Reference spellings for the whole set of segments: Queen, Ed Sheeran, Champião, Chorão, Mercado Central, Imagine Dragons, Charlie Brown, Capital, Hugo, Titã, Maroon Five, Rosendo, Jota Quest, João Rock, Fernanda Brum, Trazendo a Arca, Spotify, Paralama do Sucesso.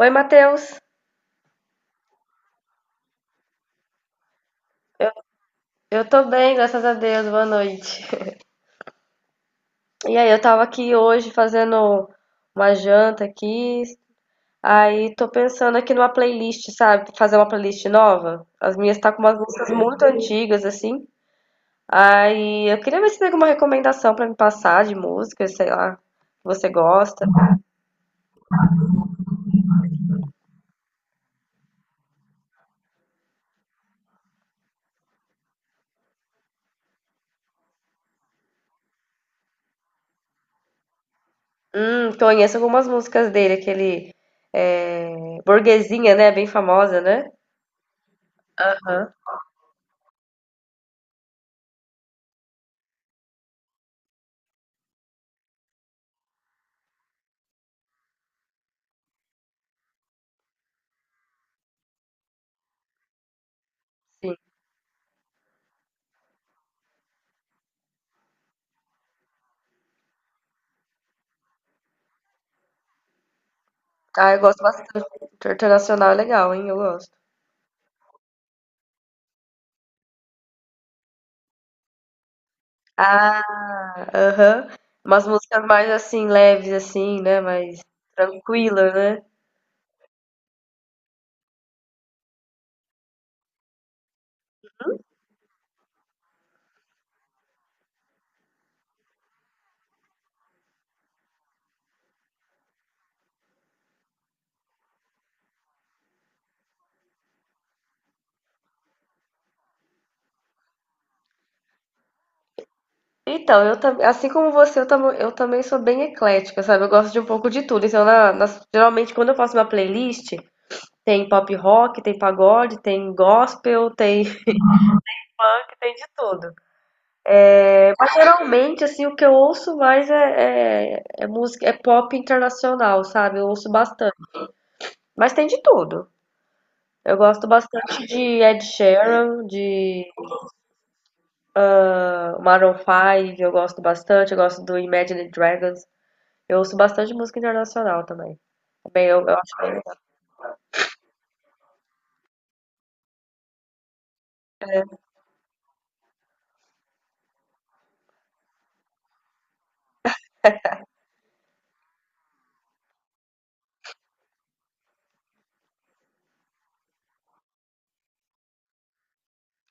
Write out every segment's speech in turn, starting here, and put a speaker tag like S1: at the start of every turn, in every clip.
S1: Oi, Matheus. Eu tô bem, graças a Deus. Boa noite. E aí, eu tava aqui hoje fazendo uma janta aqui. Aí tô pensando aqui numa playlist, sabe? Fazer uma playlist nova. As minhas tá com umas músicas muito antigas assim. Aí eu queria ver se tem alguma recomendação pra me passar de música, sei lá, que você gosta. Conheço algumas músicas dele, aquele é, Burguesinha, né? Bem famosa, né? Aham, sim. Ah, eu gosto bastante. Internacional é legal, hein? Eu gosto. Ah, aham. Umas músicas mais assim, leves, assim, né? Mais tranquila, né? Então, eu também, assim como você, eu também sou bem eclética, sabe? Eu gosto de um pouco de tudo. Então, geralmente, quando eu faço uma playlist, tem pop rock, tem pagode, tem gospel, tem funk, tem de tudo. Mas, geralmente, assim, o que eu ouço mais é música, é pop internacional, sabe? Eu ouço bastante. Mas tem de tudo. Eu gosto bastante de Ed Sheeran, de Maroon 5 eu gosto bastante, eu gosto do Imagine Dragons. Eu ouço bastante música internacional também. Bem, eu acho bem legal.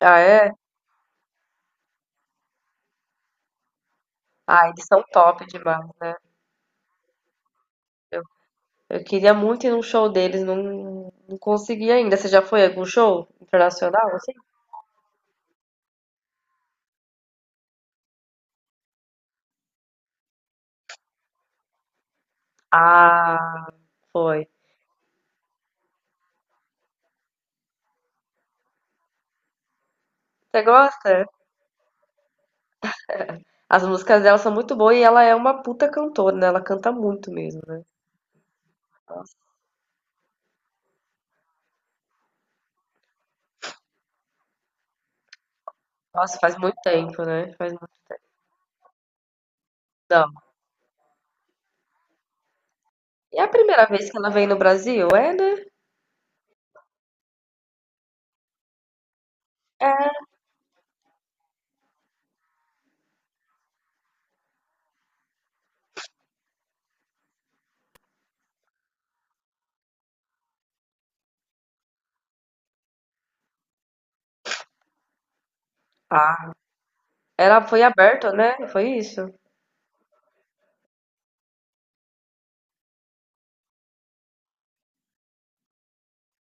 S1: Ah, é? Ah, eles são top demais. Eu queria muito ir num show deles, não consegui ainda. Você já foi a algum show internacional, assim? Ah, foi. Você gosta? As músicas dela são muito boas e ela é uma puta cantora, né? Ela canta muito mesmo, né? Nossa, nossa, faz muito tempo, né? Faz muito... Não. E é a primeira vez que ela vem no Brasil? É, né? Era Foi aberto, né, foi isso?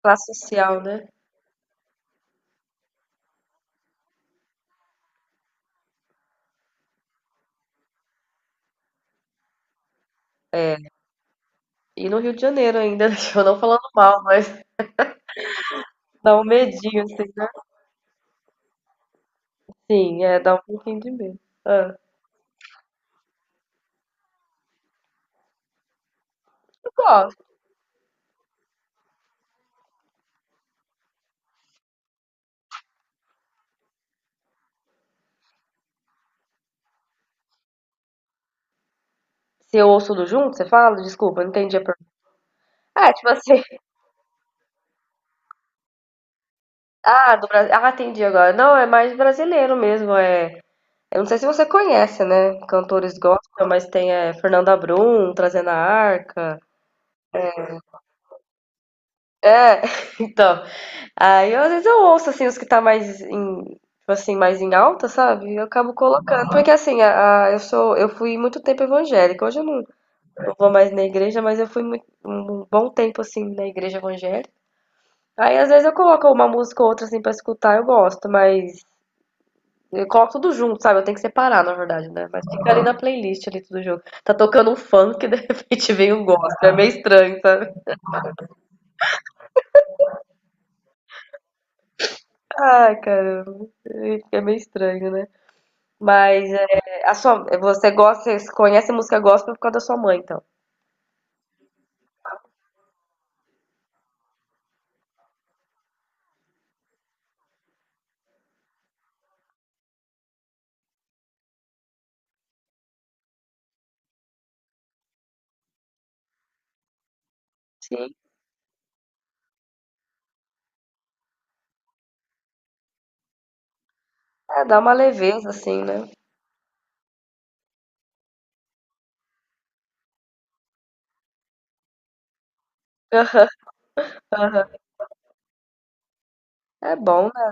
S1: Classe social, né. E no Rio de Janeiro ainda, eu não falando mal, mas dá um medinho assim, né. Sim, é, dá um pouquinho de medo. Hã. Eu gosto. Se eu ouço tudo junto, você fala? Desculpa, eu não entendi a pergunta. É, tipo assim ah, do Brasil ah, entendi agora. Não, é mais brasileiro mesmo. Eu não sei se você conhece, né, cantores gospel, mas tem, Fernanda Brum, Trazendo a Arca. É, então. Aí às vezes eu ouço assim os que tá mais em, tipo assim, mais em alta, sabe? E eu acabo colocando. Porque assim, eu fui muito tempo evangélica. Hoje eu não vou mais na igreja, mas eu fui muito, um bom tempo assim na igreja evangélica. Aí às vezes eu coloco uma música ou outra assim pra escutar, eu gosto, mas eu coloco tudo junto, sabe? Eu tenho que separar, na verdade, né? Mas fica ali na playlist ali tudo junto. Tá tocando um funk, de repente vem um gospel. É meio estranho, sabe? Ai, caramba. É meio estranho, né? Mas é, você gosta, você conhece música gospel por causa da sua mãe, então. Sim. É, dá uma leveza, assim, né? Aham. É bom, né?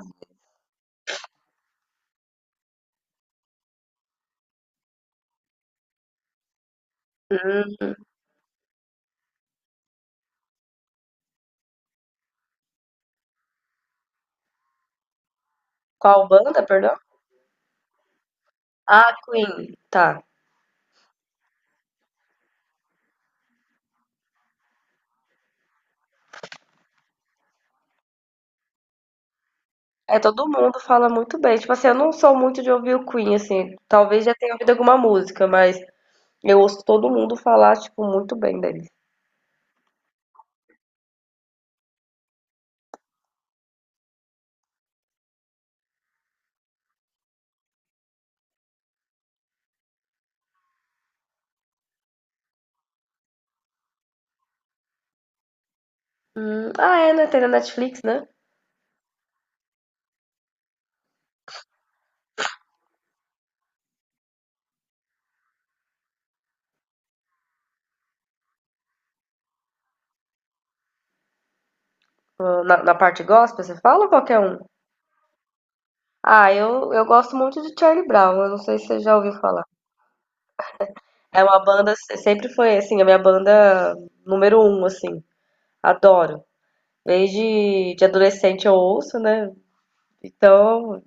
S1: Hum. Qual banda, perdão? Ah, Queen. Tá. É, todo mundo fala muito bem. Tipo assim, eu não sou muito de ouvir o Queen, assim. Talvez já tenha ouvido alguma música, mas eu ouço todo mundo falar, tipo, muito bem deles. Ah, é, né? Tem na Netflix, né? Na parte gospel, você fala ou qualquer um? Ah, eu gosto muito de Charlie Brown. Eu não sei se você já ouviu falar. É uma banda, sempre foi assim, a minha banda número um, assim. Adoro. Desde de adolescente eu ouço, né? Então,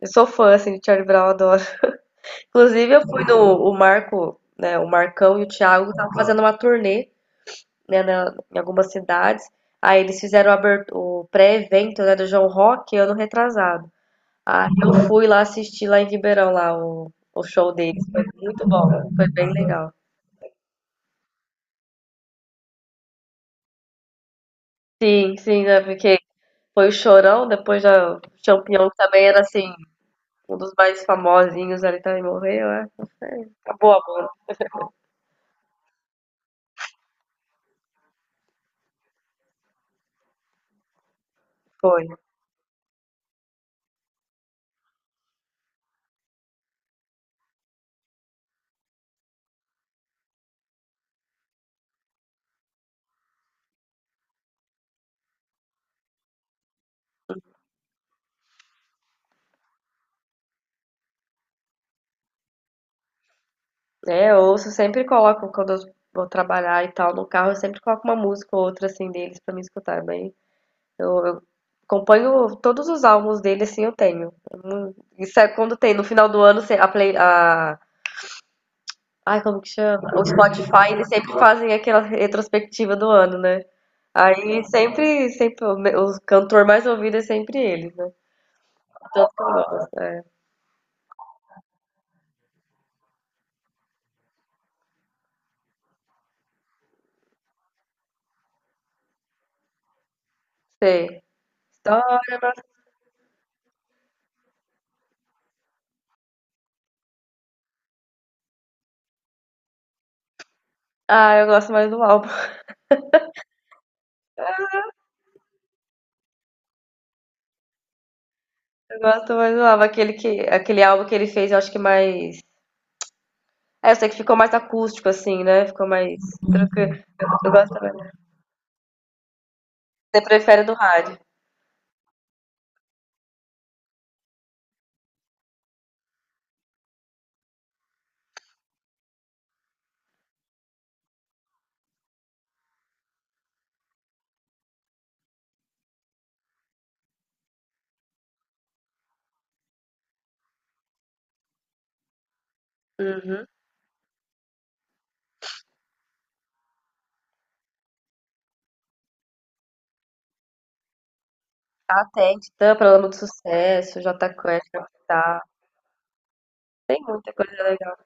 S1: eu sou fã, assim, de Charlie Brown, adoro. Inclusive, eu fui no o Marco, né? O Marcão e o Thiago estavam fazendo uma turnê, né, em algumas cidades. Aí eles fizeram o pré-evento, né, do João Rock ano retrasado. Aí eu fui lá assistir lá em Ribeirão, lá, o show deles. Foi muito bom, foi bem legal. Sim, sim, né? Porque foi o Chorão, depois já o Champião que também era assim, um dos mais famosinhos ali também morreu, é. Acabou a banda, foi. É, eu ouço, sempre coloco quando eu vou trabalhar e tal no carro, eu sempre coloco uma música ou outra assim deles pra me escutar, é bem. Eu acompanho todos os álbuns dele, assim, eu tenho. Isso é quando tem no final do ano, se- a play, a ai, como que chama? O Spotify, eles sempre fazem aquela retrospectiva do ano, né? Aí sempre o cantor mais ouvido é sempre ele, né? Total, é. Sei. História, mas... Ah, eu gosto mais do álbum. Eu gosto mais do álbum. Aquele álbum que ele fez, eu acho que mais. É, eu sei que ficou mais acústico, assim, né? Ficou mais tranquilo. Eu gosto mais. Você prefere do rádio? Uhum. Ah, tem. Titã, Paralama do Sucesso, Jota Quest, Capital. Tem muita coisa legal.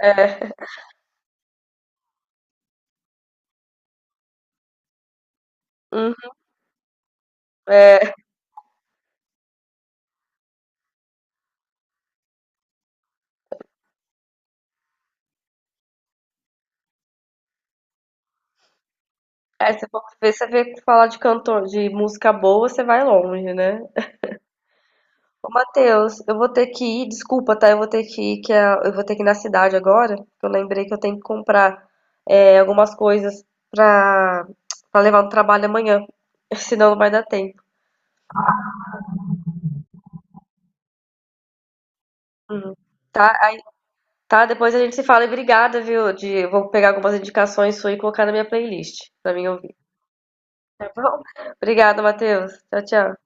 S1: É, uhum, é. É, se for ver, você vê que falar de cantor, de música boa, você vai longe, né? Ô, Matheus, eu vou ter que ir, desculpa, tá? Eu vou ter que ir, eu vou ter que ir na cidade agora, que eu lembrei que eu tenho que comprar algumas coisas pra, pra levar no trabalho amanhã, senão não vai dar tempo. Uhum. Tá? Tá, depois a gente se fala e obrigada, viu? Eu vou pegar algumas indicações suas e colocar na minha playlist pra mim ouvir, tá bom? Obrigada, Matheus. Tchau, tchau.